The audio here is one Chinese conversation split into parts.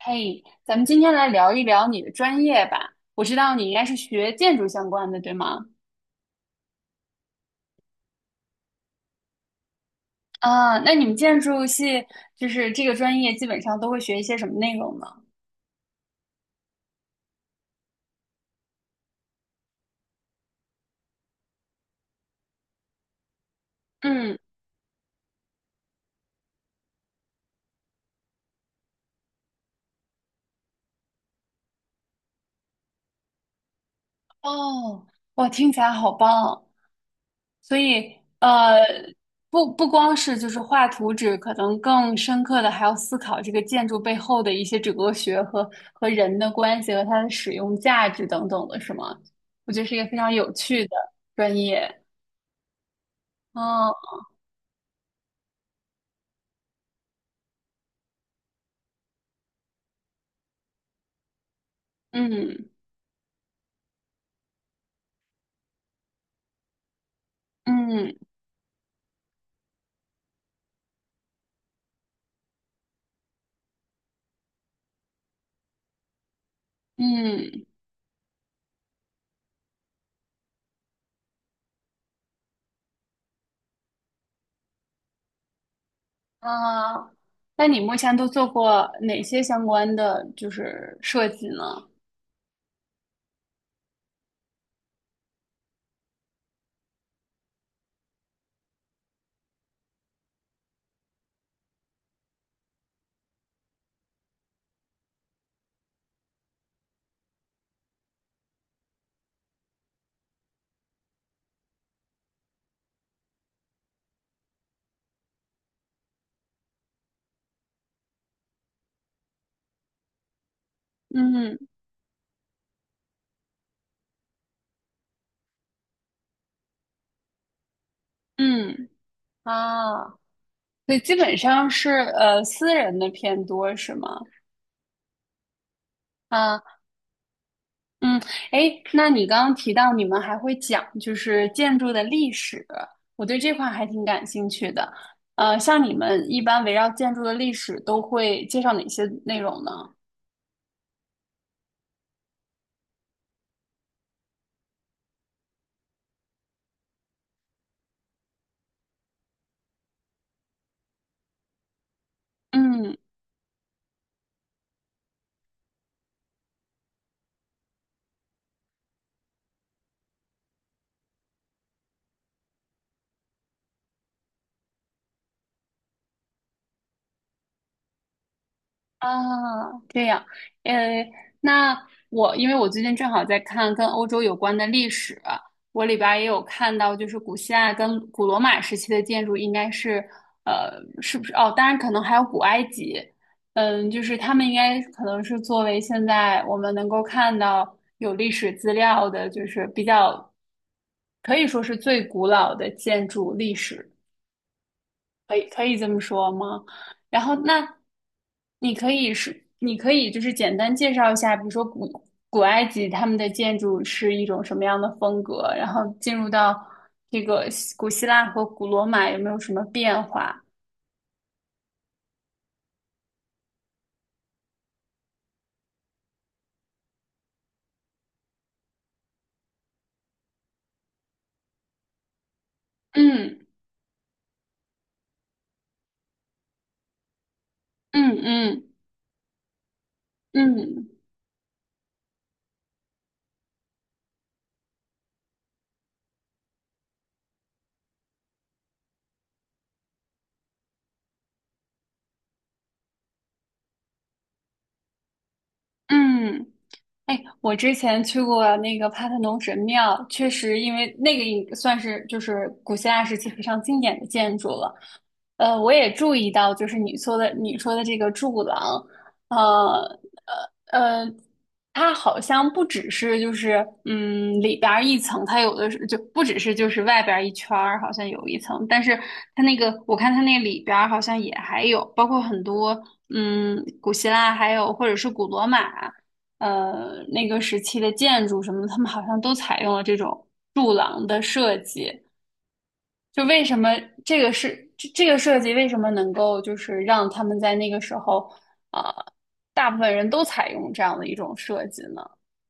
嘿，咱们今天来聊一聊你的专业吧。我知道你应该是学建筑相关的，对吗？啊，那你们建筑系这个专业，基本上都会学一些什么内容呢？嗯，哦，哇，听起来好棒。所以，不光是画图纸，可能更深刻的还要思考这个建筑背后的一些哲学和人的关系和它的使用价值等等的，是吗？我觉得是一个非常有趣的专业。哦，嗯。嗯嗯。啊，那你目前都做过哪些相关的设计呢？嗯嗯。啊，所以基本上是私人的偏多是吗？啊，嗯，诶，那你刚刚提到你们还会讲建筑的历史，我对这块还挺感兴趣的。呃，像你们一般围绕建筑的历史都会介绍哪些内容呢？嗯。啊，这样，呃，那我因为我最近正好在看跟欧洲有关的历史，我里边儿也有看到，就是古希腊跟古罗马时期的建筑应该是，呃，是不是？哦，当然可能还有古埃及，嗯，就是他们应该可能是作为现在我们能够看到有历史资料的，就是比较可以说是最古老的建筑历史。可以可以这么说吗？然后那你可以是，你可以简单介绍一下，比如说古埃及他们的建筑是一种什么样的风格，然后进入到这个古希腊和古罗马有没有什么变化？嗯嗯嗯嗯嗯。哎，我之前去过那个帕特农神庙，确实，因为那个也算是就是古希腊时期非常经典的建筑了。呃，我也注意到，你说的这个柱廊，呃，呃，它好像不只是里边儿一层，它有的是不只是外边儿一圈儿，好像有一层，但是它那个我看它那里边儿好像也还有，包括很多古希腊还有或者是古罗马，呃那个时期的建筑什么，他们好像都采用了这种柱廊的设计，就为什么这个设计为什么能够让他们在那个时候，啊、呃大部分人都采用这样的一种设计呢？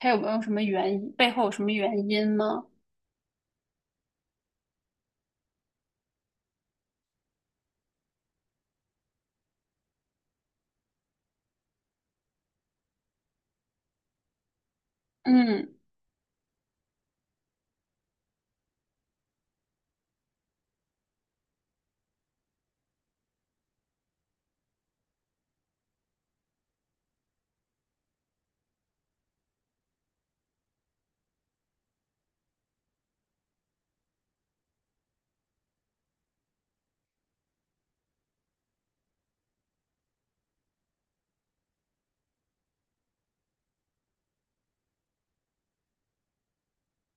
它有没有什么原因？背后有什么原因吗？嗯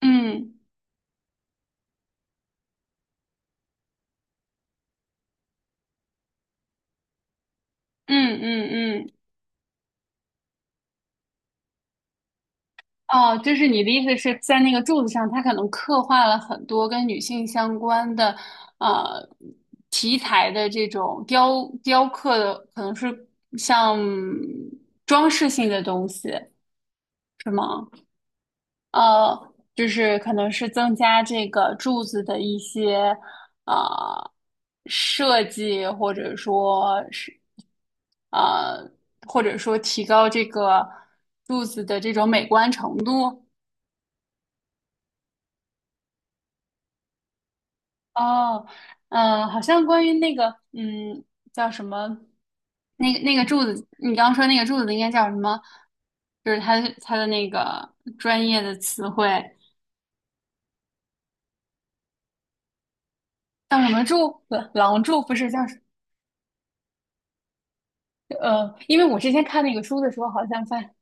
嗯嗯嗯嗯。哦，就是你的意思是在那个柱子上，它可能刻画了很多跟女性相关的，呃，题材的这种雕刻的，可能是像装饰性的东西，是吗？呃，就是可能是增加这个柱子的一些呃设计，或者说是呃，或者说提高这个柱子的这种美观程度。哦，好像关于那个嗯叫什么那个柱子，你刚刚说那个柱子应该叫什么？就是它那个专业的词汇叫什么柱？廊柱不是叫？呃，因为我之前看那个书的时候，好像在，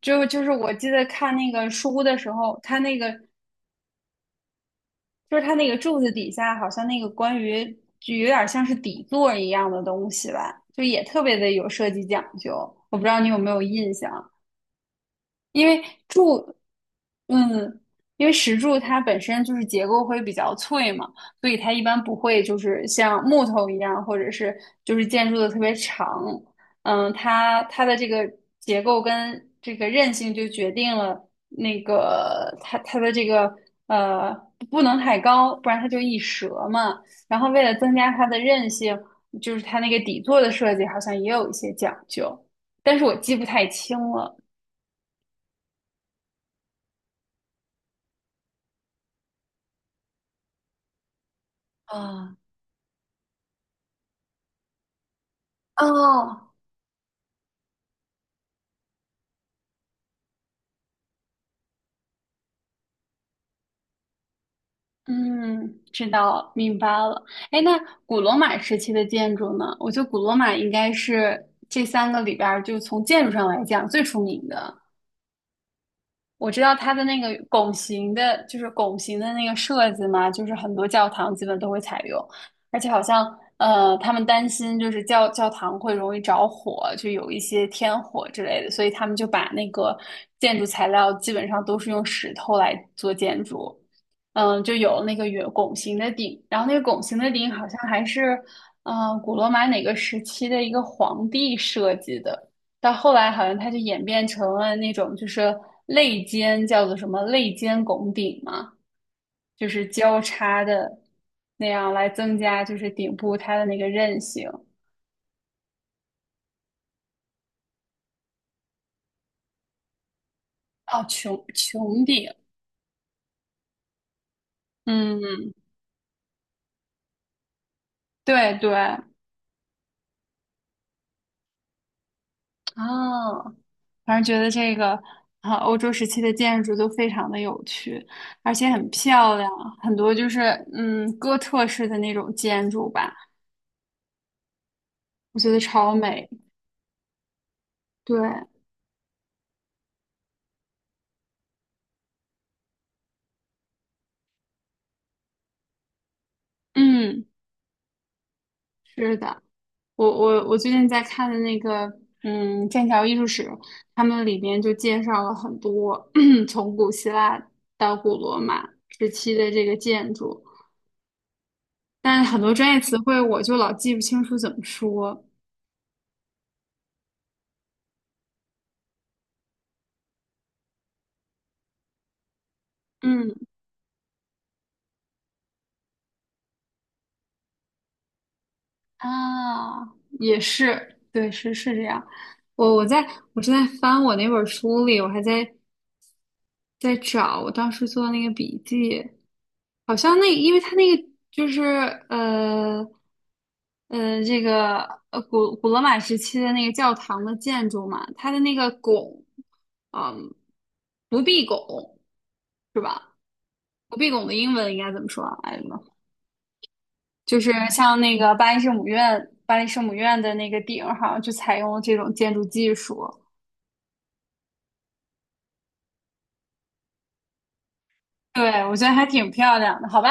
就是我记得看那个书的时候，它那个就是它那个柱子底下，好像那个关于就有点像是底座一样的东西吧，就也特别的有设计讲究。我不知道你有没有印象。因为柱，嗯，因为石柱它本身就是结构会比较脆嘛，所以它一般不会就是像木头一样，或者是就是建筑的特别长。嗯，它这个结构跟这个韧性就决定了那个它这个呃不能太高，不然它就易折嘛。然后为了增加它的韧性，就是它那个底座的设计好像也有一些讲究，但是我记不太清了。啊、哦，嗯，知道，明白了。哎，那古罗马时期的建筑呢？我觉得古罗马应该是这三个里边儿，就从建筑上来讲最出名的。我知道它的那个拱形的，拱形的那个设计嘛，就是很多教堂基本都会采用，而且好像他们担心教堂会容易着火，就有一些天火之类的，所以他们就把那个建筑材料基本上都是用石头来做建筑，嗯，就有那个圆拱形的顶，然后那个拱形的顶好像还是古罗马哪个时期的一个皇帝设计的。到后来好像它就演变成了那种就是肋间叫做什么肋间拱顶嘛，就是交叉的那样来增加就是顶部它的那个韧性。哦，穹顶，嗯，对对啊，反正觉得这个啊，欧洲时期的建筑都非常的有趣，而且很漂亮，很多就是哥特式的那种建筑吧，我觉得超美。对，嗯，是的。我最近在看的那个，嗯，剑桥艺术史，他们里边就介绍了很多 从古希腊到古罗马时期的这个建筑，但是很多专业词汇我就老记不清楚怎么说。嗯。啊，也是，对，是这样。我我在我正在翻我那本书里，我还在在找我当时做的那个笔记，好像那因为他那个就是呃呃这个古罗马时期的那个教堂的建筑嘛，它的那个拱，嗯，不闭拱是吧？不闭拱的英文应该怎么说啊？哎，就是像那个巴黎圣母院，巴黎圣母院的那个顶儿，好像就采用了这种建筑技术。对，我觉得还挺漂亮的，好吧？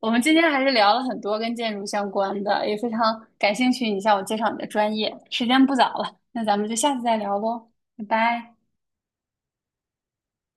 我们今天还是聊了很多跟建筑相关的，也非常感兴趣你向我介绍你的专业。时间不早了，那咱们就下次再聊喽，拜拜。